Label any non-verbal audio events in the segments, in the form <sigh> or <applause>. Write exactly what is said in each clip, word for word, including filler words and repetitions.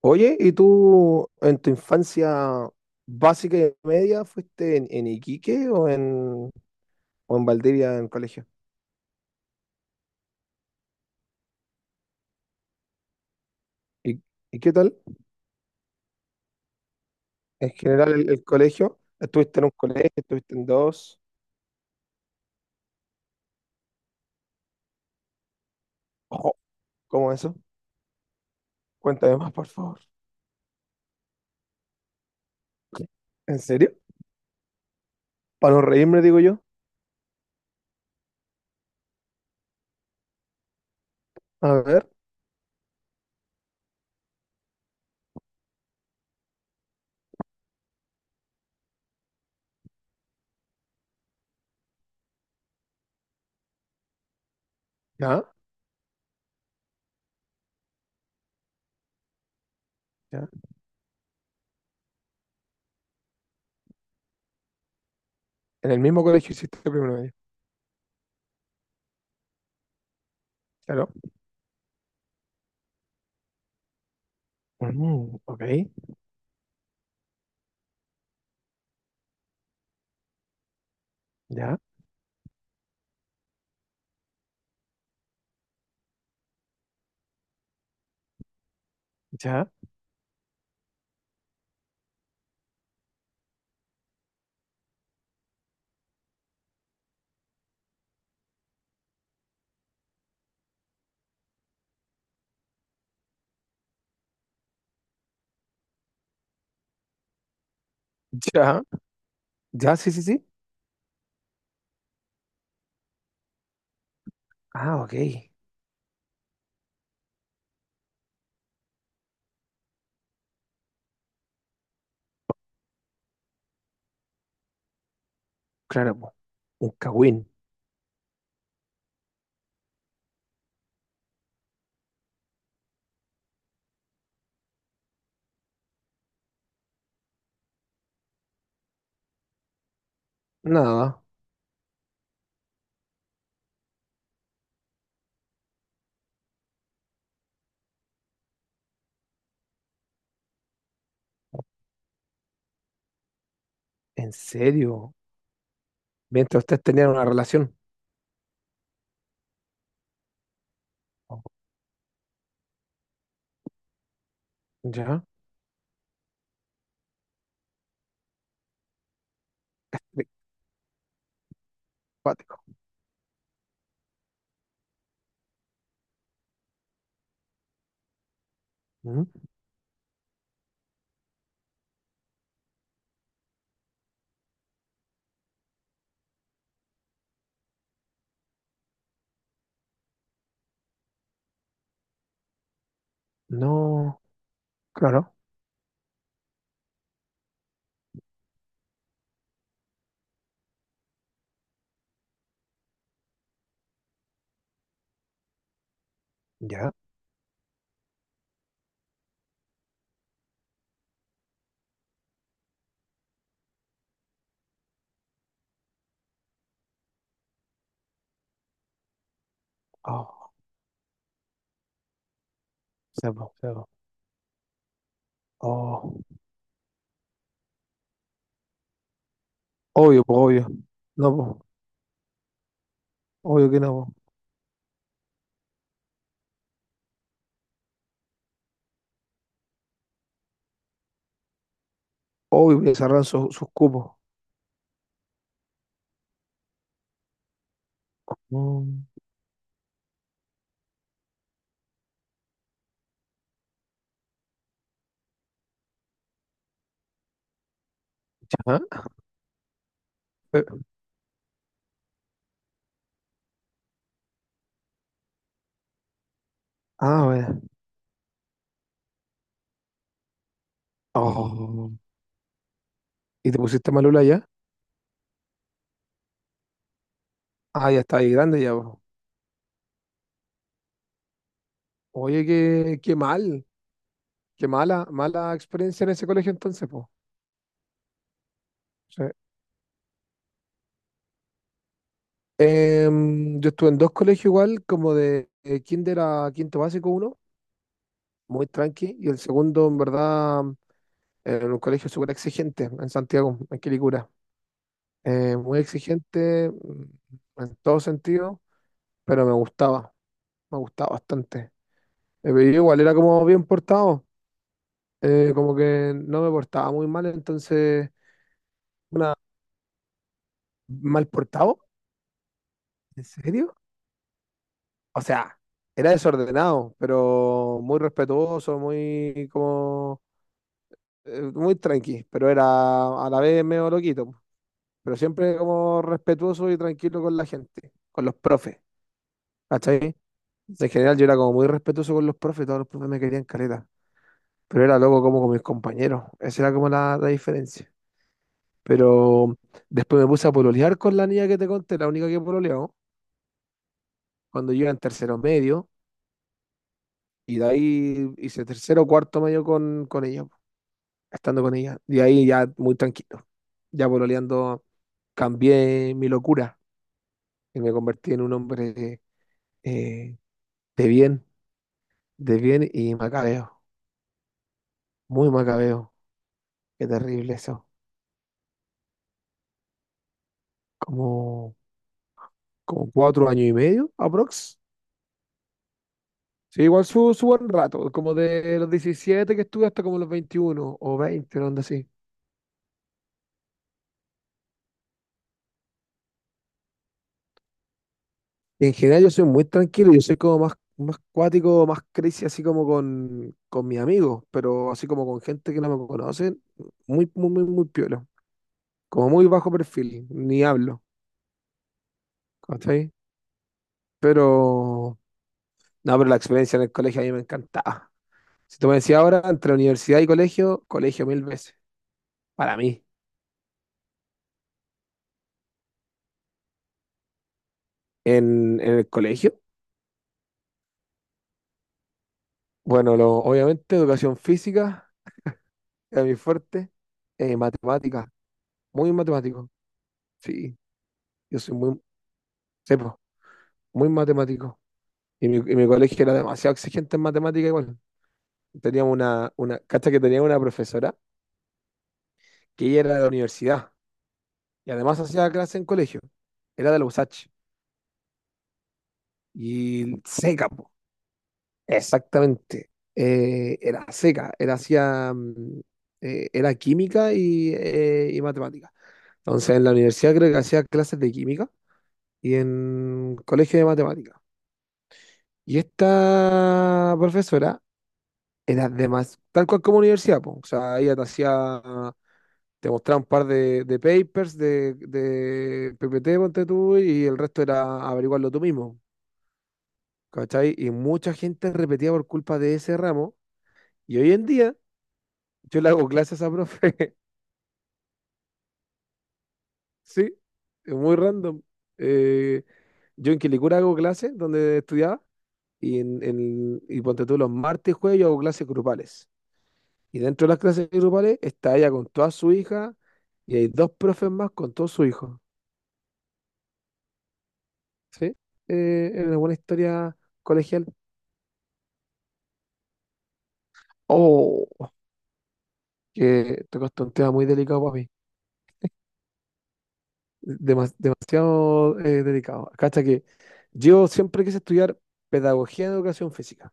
Oye, ¿y tú en tu infancia básica y media fuiste en, en Iquique o en, o en Valdivia en colegio? ¿Y, y qué tal? En general el, el colegio, ¿estuviste en un colegio, estuviste en dos? Ojo, ¿cómo eso? Cuéntame más, por favor. ¿En serio? Para no reírme, digo yo. A ver, ya, ya. En el mismo colegio hiciste primero medio. Claro. Mm, ok, ya, ya, ya. Ya, sí, sí, sí. Ah, ok. Claro, pues. Un Cagüín. Nada. ¿En serio? Mientras ustedes tenían una relación. Oh, ¿ya? Qué cuático. ¿Mm? No, claro. ¿Ya? Oh, sebo. Sepo. Oh, obvio, po, obvio. No, po, obvio que no, po. Obvio que cerraron sus sus cupos. Mm, ¿ya? Eh, Ah, bueno. Oh. ¿Y te pusiste malula ya? Ah, ya está ahí grande ya, po. Oye, qué, qué mal. Qué mala, mala experiencia en ese colegio entonces, po. Sí. Em, yo estuve en dos colegios igual, como de eh, kinder a quinto básico uno, muy tranqui, y el segundo en verdad en un colegio súper exigente en Santiago, en Quilicura. Eh, muy exigente mm, en todo sentido, pero me gustaba, me gustaba bastante. Eh, pero yo igual era como bien portado, eh, como que no me portaba muy mal, entonces, una, ¿mal portado? ¿En serio? O sea, era desordenado, pero muy respetuoso, muy como eh, muy tranqui, pero era a la vez medio loquito, po. Pero siempre como respetuoso y tranquilo con la gente, con los profes, ¿cachai? En general yo era como muy respetuoso con los profes, todos los profes me querían caleta, pero era loco como con mis compañeros, esa era como la, la diferencia. Pero después me puse a pololear con la niña que te conté, la única que pololeó, cuando yo iba en tercero medio, y de ahí hice tercero cuarto medio con, con ella, estando con ella. Y ahí ya muy tranquilo. Ya pololeando, cambié mi locura y me convertí en un hombre eh, de bien, de bien y macabeo. Muy macabeo. Qué terrible eso. Como, como cuatro años y medio, aprox. Sí, igual su, su buen rato, como de los diecisiete que estuve hasta como los veintiuno o veinte una onda así. En general yo soy muy tranquilo, yo soy como más, más cuático, más crazy, así como con, con mis amigos, pero así como con gente que no me conocen, muy, muy, muy, muy piola. Como muy bajo perfil, ni hablo, ¿cachai? Pero, no, pero la experiencia en el colegio a mí me encantaba. Si tú me decías ahora, entre universidad y colegio, colegio mil veces, para mí. En, en el colegio, bueno, lo, obviamente educación física era mi fuerte, eh, matemáticas, muy matemático, sí, yo soy muy... sí, po. Muy matemático. Y mi, y mi colegio era demasiado exigente en matemática igual. Teníamos una, una, cacha que tenía una profesora que ella era de la universidad y además hacía clase en colegio. Era de la USACH y seca, po. Exactamente. Eh, era seca, era hacía, mm, eh, era química y, eh, y matemática. Entonces en la universidad creo que hacía clases de química y en colegio de matemática. Y esta profesora era de más, tal cual como universidad, po. O sea, ella te hacía, te mostraba un par de, de papers de, de P P T, ponte tú, y el resto era averiguarlo tú mismo, ¿cachai? Y mucha gente repetía por culpa de ese ramo, y hoy en día yo le hago clases a esa profe, <laughs> sí, es muy random. Eh, yo en Quilicura hago clases donde estudiaba, y, en, en- y ponte tú los martes y jueves yo hago clases grupales. Y dentro de las clases grupales está ella con toda su hija y hay dos profes más con todos sus hijos. ¿Sí? Eh, es una buena historia colegial. Oh, que tocaste un tema muy delicado para mí. Demas- demasiado eh, delicado. Cacha que yo siempre quise estudiar pedagogía en educación física.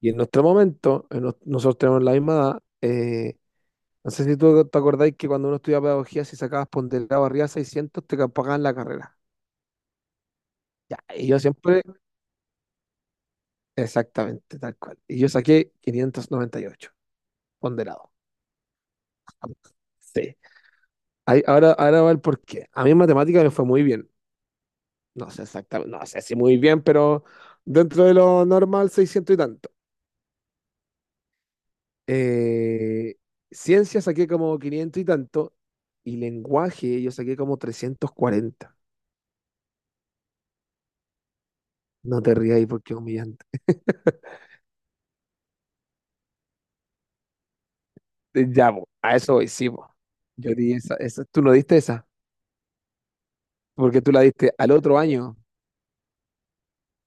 Y en nuestro momento, en nos- nosotros tenemos la misma edad. Eh, no sé si tú te acordáis que cuando uno estudiaba pedagogía, si sacabas ponderado arriba de seiscientos te ca- pagaban la carrera. Ya, y yo siempre. Exactamente, tal cual. Y yo saqué quinientos noventa y ocho ponderado. Sí. Ahí- ahora, ahora va el porqué. A mí en matemática me fue muy bien. No sé exactamente, no sé si muy bien, pero dentro de lo normal, seiscientos y tanto. Eh, Ciencia saqué como quinientos y tanto. Y lenguaje yo saqué como trescientos cuarenta. No te rías ahí porque es humillante. Eh, Ya, po, a eso voy, sí, po. Yo di esa, esa- tú no diste esa, porque tú la diste al otro año.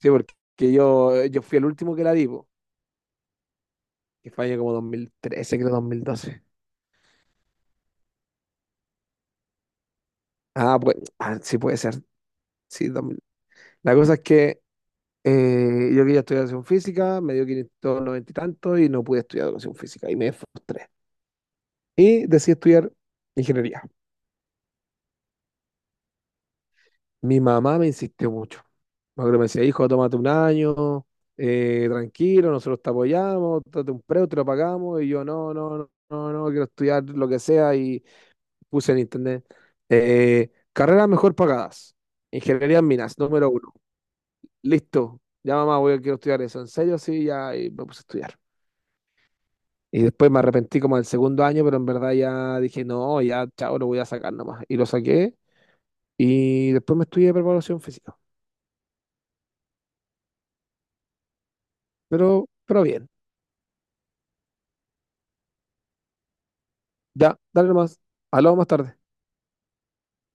Sí, porque yo, eh, yo fui el último que la vi, po, que fue año como dos mil trece, creo dos mil doce. Ah, pues, ah, sí puede ser. Sí, dos mil. La cosa es que eh, yo quería estudiar educación física, me dio quinientos noventa y tanto y no pude estudiar educación física y me frustré. Y decidí estudiar ingeniería. Mi mamá me insistió mucho. Me acuerdo que me decía, hijo, tómate un año, eh, tranquilo, nosotros te apoyamos, tómate un preu, te lo pagamos. Y yo, no, no, no, no, no, quiero estudiar lo que sea y puse en internet. Eh, carreras mejor pagadas. Ingeniería en minas, número uno. Listo. Ya mamá, voy a quiero estudiar eso. ¿En serio? Sí, ya y me puse a estudiar. Y después me arrepentí como del segundo año, pero en verdad ya dije, no, ya, chao, lo voy a sacar nomás. Y lo saqué. Y después me estudié preparación física. Pero, pero bien. Ya, dale nomás. Hablamos más tarde.